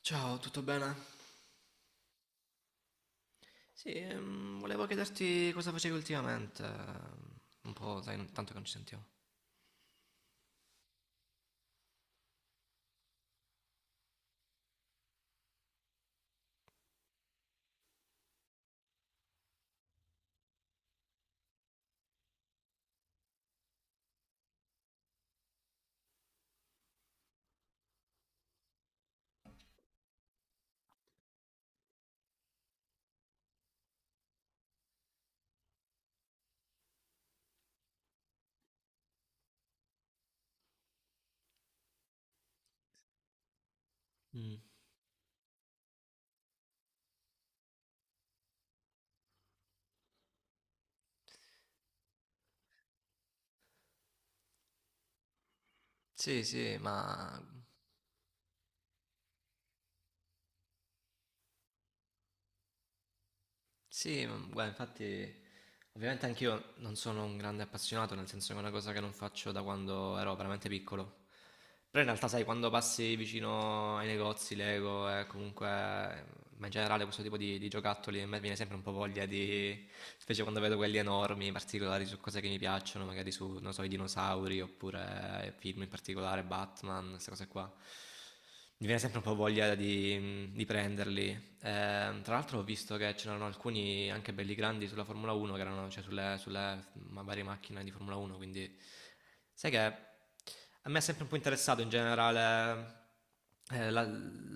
Ciao, tutto bene? Sì, volevo chiederti cosa facevi ultimamente. Un po', dai, tanto che non ci sentiamo. Mm. Sì, sì, ma sì, ma guarda, infatti, ovviamente anch'io non sono un grande appassionato, nel senso che è una cosa che non faccio da quando ero veramente piccolo. Però in realtà, sai, quando passi vicino ai negozi, Lego e comunque, ma in generale questo tipo di giocattoli, a me viene sempre un po' voglia di, specie quando vedo quelli enormi, particolari su cose che mi piacciono, magari su, non so, i dinosauri oppure film in particolare, Batman, queste cose qua mi viene sempre un po' voglia di prenderli. Tra l'altro ho visto che c'erano alcuni anche belli grandi sulla Formula 1, che erano, cioè sulle, varie macchine di Formula 1, quindi sai che a me è sempre un po' interessato in generale eh, la-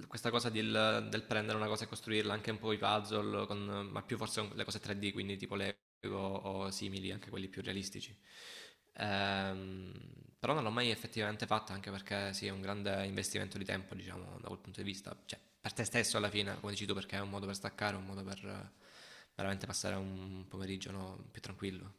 questa cosa del, del prendere una cosa e costruirla, anche un po' i puzzle, ma più forse con le cose 3D, quindi tipo Lego o simili, anche quelli più realistici. Ehm, Però non l'ho mai effettivamente fatta, anche perché sì, è un grande investimento di tempo, diciamo, da quel punto di vista. Cioè, per te stesso alla fine, come dici tu, perché è un modo per staccare, un modo per veramente passare un pomeriggio, no, più tranquillo.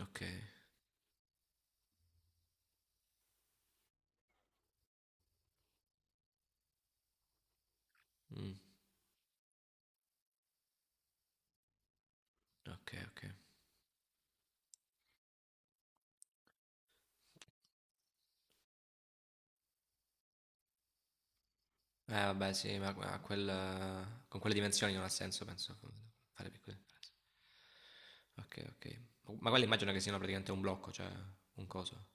Ok, mm, ok, ok. Vabbè, sì, ma a quel, con quelle dimensioni non ha senso, penso, fare piccole differenze. Ok, ok. Ma quelle immagino che siano praticamente un blocco, cioè un coso.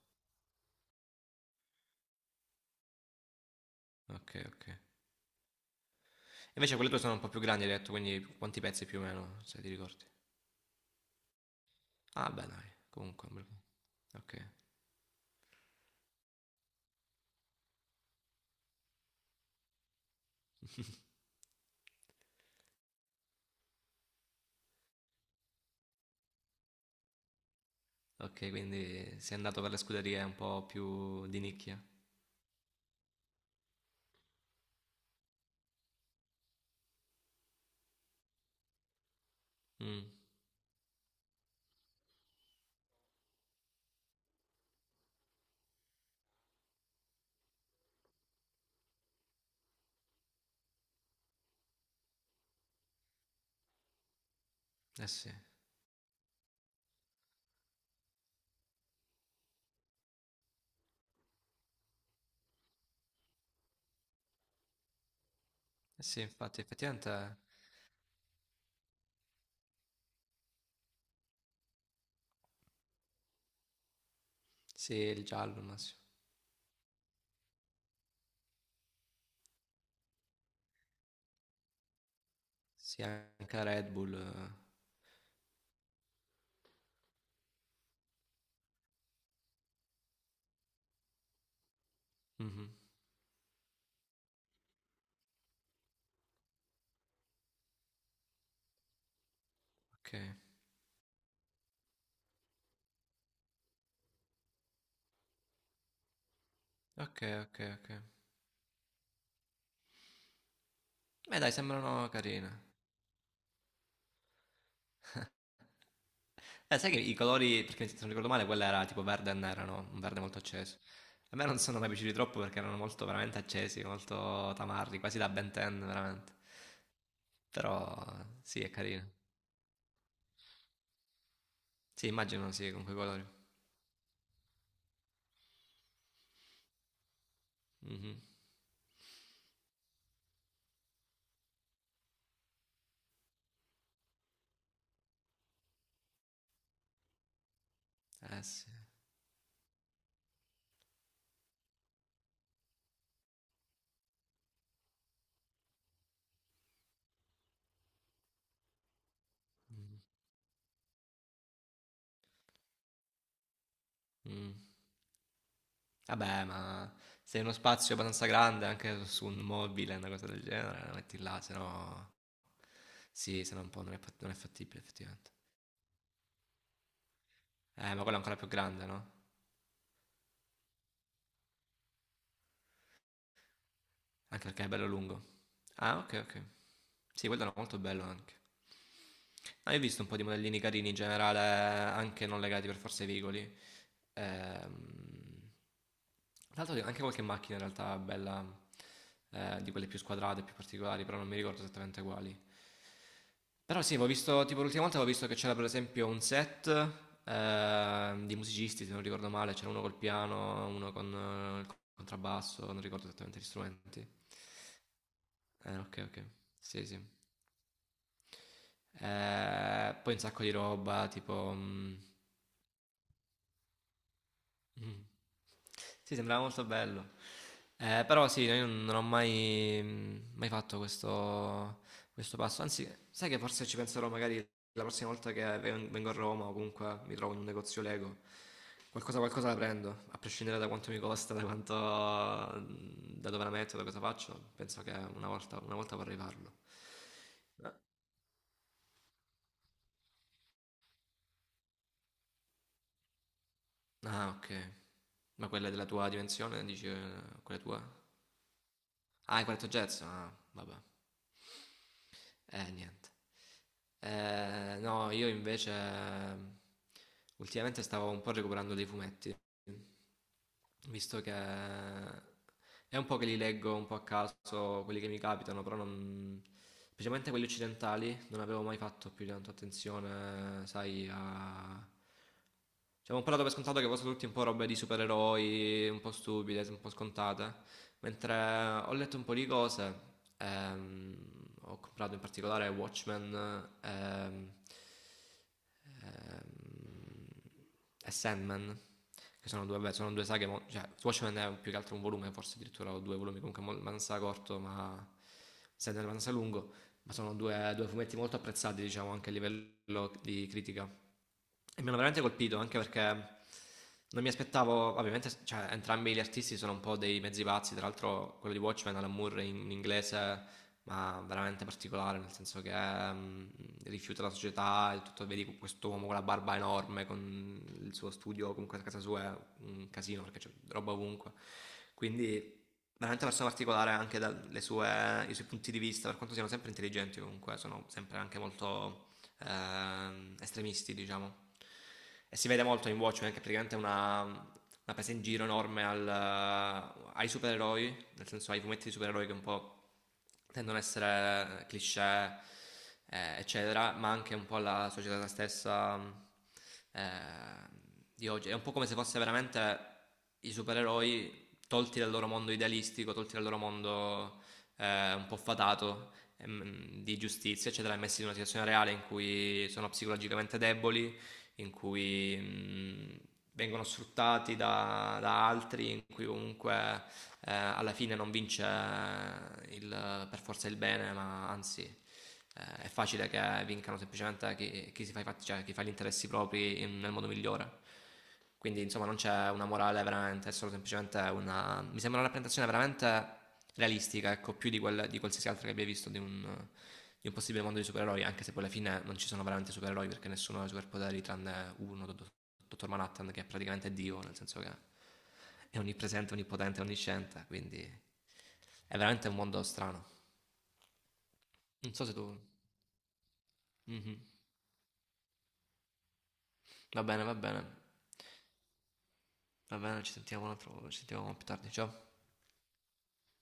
Ok, ok. Invece quelle tue sono un po' più grandi, hai detto, quindi quanti pezzi più o meno, se ti ricordi? Ah, beh, dai, comunque, un bel po'. Ok, ok, quindi sei andato per le scuderie un po' più di nicchia. Mm, eh sì, eh sì, infatti, effettivamente sì, il giallo, ma sì, sì, anche la Red Bull. Eh. Mhm, ok, ok, ok, ok. Beh, dai, sembrano carine. Sai che i colori, perché se non ricordo male, quella era tipo verde e nera, no? Un verde molto acceso. A me non sono mai piaciuti troppo perché erano molto veramente accesi, molto tamarri, quasi da Ben 10, veramente. Però sì, è carino. Sì, immagino sì, con quei colori. Mhm. Eh sì. Mhm. Mm. Vabbè, ma se in uno spazio abbastanza grande, anche su un mobile, una cosa del genere, la metti là, se no... Sì, se no un po' non è, non è fattibile, effettivamente. Ma quello è ancora più grande, no? Anche perché è bello lungo. Ah, ok, ok. Sì, quello era molto bello anche. Ah, io ho visto un po' di modellini carini in generale, anche non legati per forza ai veicoli. Ehm, Tra l'altro anche qualche macchina in realtà bella, di quelle più squadrate, più particolari, però non mi ricordo esattamente quali. Però sì, avevo visto, tipo l'ultima volta avevo visto che c'era per esempio un set di musicisti, se non ricordo male, c'era uno col piano, uno con il contrabbasso, non ricordo esattamente gli strumenti. Ok, ok, sì, sì. Poi un sacco di roba, tipo... mh. Sì, sembrava molto bello. Però sì, no, io non ho mai mai fatto questo questo passo. Anzi, sai che forse ci penserò magari la prossima volta che vengo a Roma o comunque mi trovo in un negozio Lego, qualcosa la prendo, a prescindere da quanto mi costa, da quanto da dove la metto, da cosa faccio, penso che una volta vorrei farlo. A ah, okay. Ma quella della tua dimensione dici, quella tua? Ah, hai 4 jazz? Ah, vabbè. Niente. No, io invece ultimamente stavo un po' recuperando dei fumetti, visto che è un po' che li leggo un po' a caso, quelli che mi capitano, però non... specialmente quelli occidentali, non avevo mai fatto più di tanto attenzione, sai, a... Cioè, avevo un po' dato per scontato che fossero tutti un po' robe di supereroi, un po' stupide, un po' scontate. Mentre ho letto un po' di cose, ehm, ho comprato in particolare Watchmen ehm, ehm, e Sandman, che sono due, vabbè, sono due saghe, cioè Watchmen è più che altro un volume, forse addirittura ho due volumi, comunque Mansa corto, ma Sandman Mansa lungo, ma sono due fumetti molto apprezzati, diciamo, anche a livello di critica e mi hanno veramente colpito anche perché non mi aspettavo, ovviamente, cioè, entrambi gli artisti sono un po' dei mezzi pazzi, tra l'altro quello di Watchmen, Alan Moore in inglese, ma veramente particolare, nel senso che rifiuta la società, il tutto, vedi questo uomo con la barba enorme, con il suo studio, comunque a casa sua è un casino perché c'è roba ovunque, quindi veramente una persona particolare anche dalle sue, i suoi punti di vista, per quanto siano sempre intelligenti comunque, sono sempre anche molto estremisti, diciamo. E si vede molto in Watchmen che praticamente è una presa in giro enorme al, ai supereroi, nel senso ai fumetti di supereroi che un po' tendono a essere cliché, eccetera, ma anche un po' alla società stessa eh, di oggi. È un po' come se fosse veramente i supereroi tolti dal loro mondo idealistico, tolti dal loro mondo un po' fatato di giustizia, eccetera, e messi in una situazione reale in cui sono psicologicamente deboli, in cui vengono sfruttati da altri, in cui comunque alla fine non vince per forza il bene, ma anzi è facile che vincano semplicemente chi, chi si fa, cioè, chi fa gli interessi propri nel modo migliore. Quindi, insomma, non c'è una morale veramente, è solo semplicemente una. Mi sembra una rappresentazione veramente realistica, ecco, più di, quella, di qualsiasi altra che abbia visto di un possibile mondo di supereroi, anche se poi alla fine non ci sono veramente supereroi perché nessuno ha superpoteri tranne uno, Dottor Manhattan, che è praticamente Dio, nel senso che è onnipresente, onnipotente, onnisciente, quindi è veramente un mondo strano. Non so se tu... Mhm. Va bene, va bene, va bene, ci sentiamo, un altro, ci sentiamo più tardi, ciao.